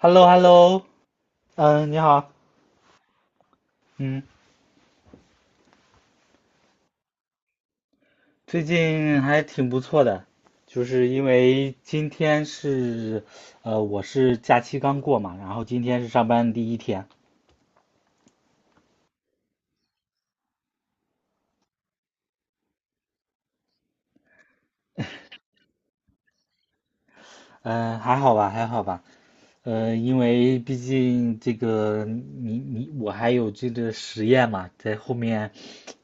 h e l l o h e l l o 嗯，你好，嗯，最近还挺不错的，就是因为今天是，我是假期刚过嘛，然后今天是上班第一天，嗯，还好吧，还好吧。因为毕竟这个你我还有这个实验嘛，在后面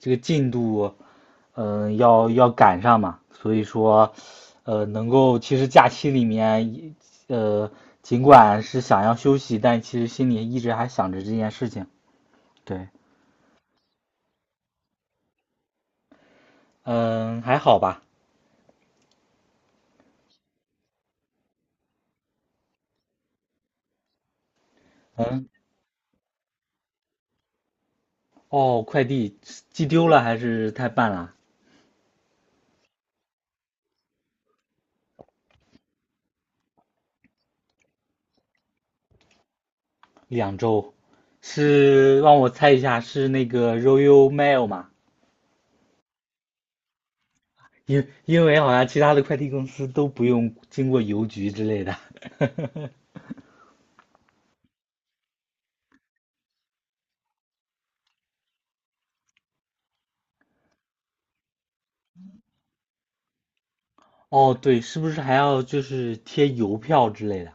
这个进度，要赶上嘛，所以说，能够其实假期里面呃，尽管是想要休息，但其实心里一直还想着这件事情。对，嗯，还好吧。嗯，哦，快递寄丢了还是太慢了？两周，是让我猜一下，是那个 Royal Mail 吗？因为好像其他的快递公司都不用经过邮局之类的。哦，对，是不是还要就是贴邮票之类的？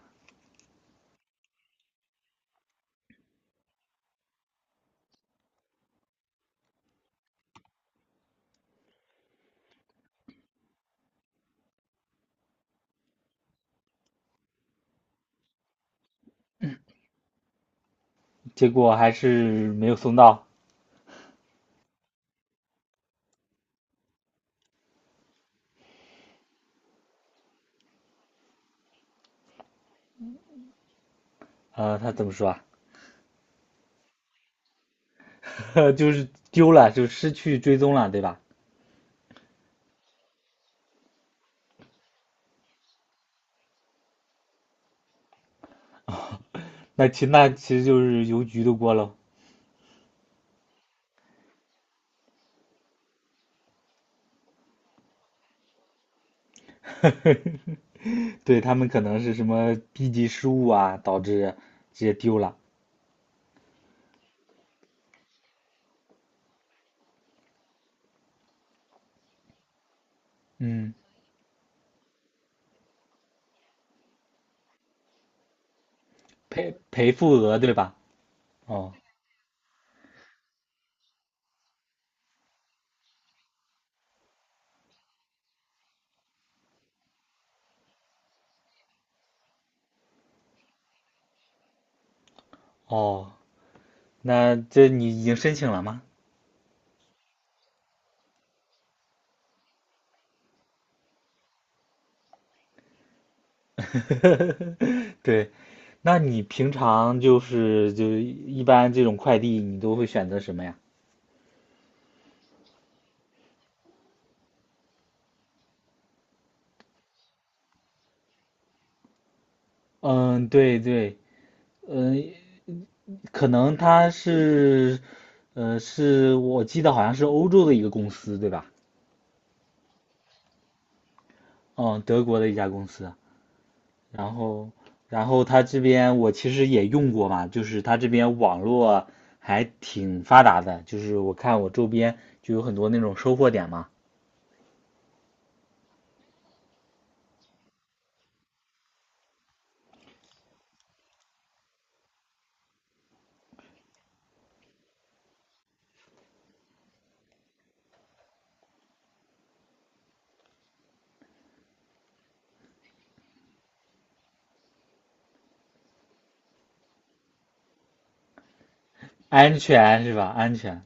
结果还是没有送到。他怎么说啊？就是丢了，就失去追踪了，对吧？那其实就是邮局的锅喽。对，他们可能是什么低级失误啊，导致直接丢了。嗯，赔付额对吧？哦哦，那这你已经申请了吗？对，那你平常就一般这种快递你都会选择什么呀？嗯，对对，嗯，可能它是，是我记得好像是欧洲的一个公司对吧？嗯，德国的一家公司。然后，然后它这边我其实也用过嘛，就是它这边网络还挺发达的，就是我看我周边就有很多那种收货点嘛，安全是吧？安全。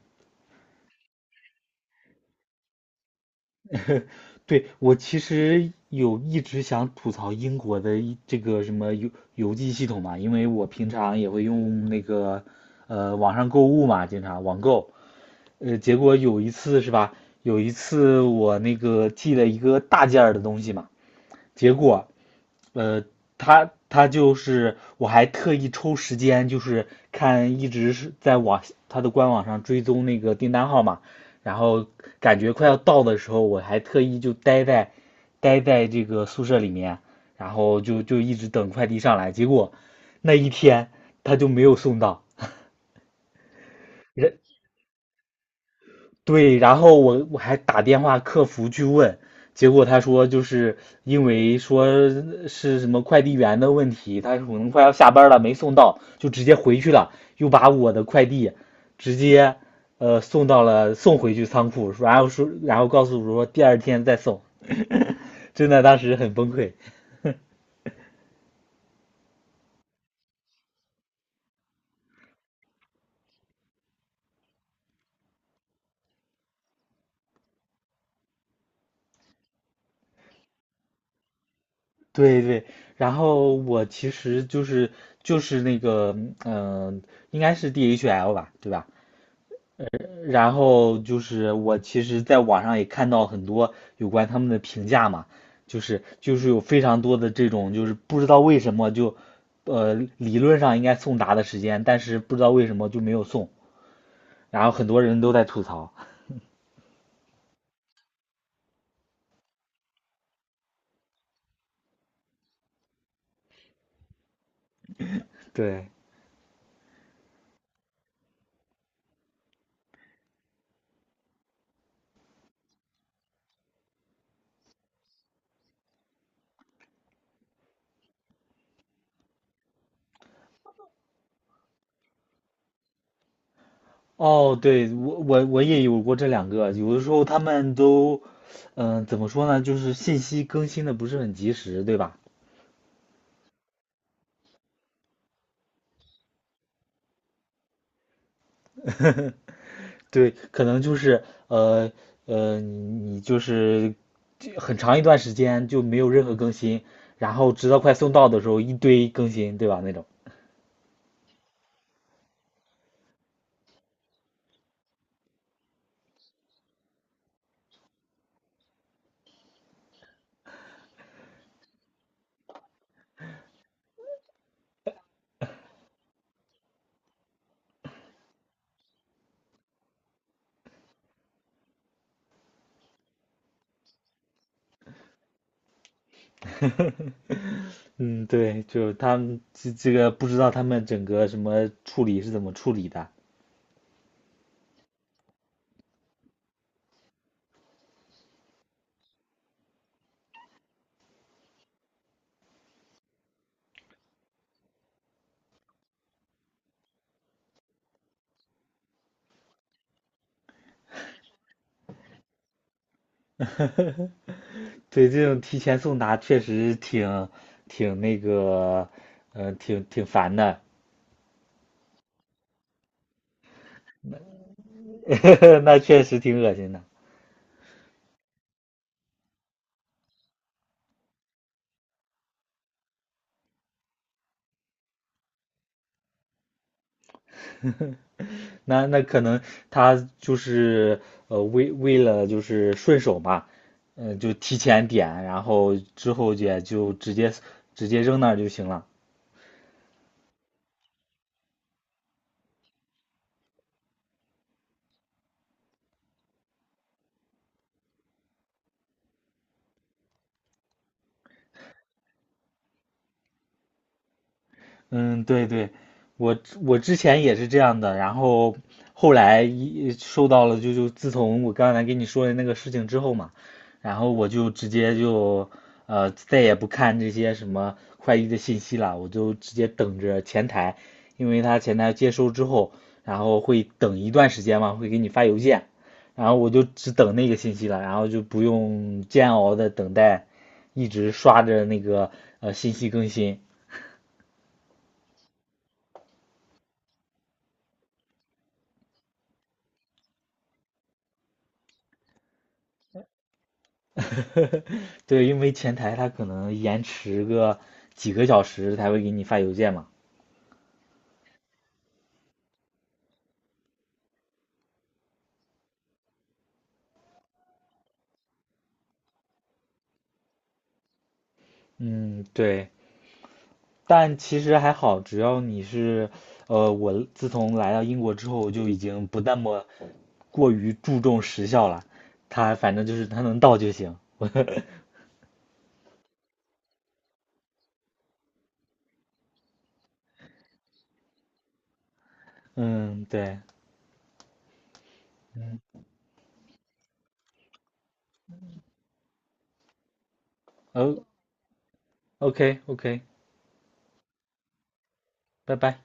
对，我其实有一直想吐槽英国的一这个什么邮寄系统嘛，因为我平常也会用那个网上购物嘛，经常网购，结果有一次是吧？有一次我那个寄了一个大件儿的东西嘛，结果呃，他就是我还特意抽时间，就是看一直是在他的官网上追踪那个订单号码，然后感觉快要到的时候，我还特意就待在这个宿舍里面，然后就一直等快递上来，结果那一天他就没有送到，人。对，然后我还打电话客服去问，结果他说就是因为说是什么快递员的问题，他可能快要下班了没送到，就直接回去了，又把我的快递直接呃送到了送回去仓库，然后说然后告诉我说第二天再送，真的当时很崩溃。对对，然后我其实就是就是那个应该是 DHL 吧，对吧？然后就是我其实在网上也看到很多有关他们的评价嘛，就是有非常多的这种就是不知道为什么就，理论上应该送达的时间，但是不知道为什么就没有送，然后很多人都在吐槽。对，哦，对，我也有过这两个，有的时候他们都，怎么说呢，就是信息更新的不是很及时，对吧？对，可能就是呃呃，你你就是很长一段时间就没有任何更新，然后直到快送到的时候一堆更新，对吧？那种，嗯，对，就是他们这个不知道他们整个什么处理是怎么处理的。对，这种提前送达确实挺那个，挺烦的，那确实挺恶心的。那可能他就是为了就是顺手嘛，就提前点，然后之后也就直接扔那儿就行了。嗯，对对，我之前也是这样的，然后后来一收到了，就自从我刚才跟你说的那个事情之后嘛，然后我就直接就再也不看这些什么快递的信息了，我就直接等着前台，因为他前台接收之后，然后会等一段时间嘛，会给你发邮件，然后我就只等那个信息了，然后就不用煎熬的等待，一直刷着那个信息更新。对，因为前台他可能延迟个几个小时才会给你发邮件嘛。嗯，对，但其实还好，只要你是，我自从来到英国之后，就已经不那么过于注重时效了。他反正就是他能到就行。嗯，对，哦，OK OK，拜拜。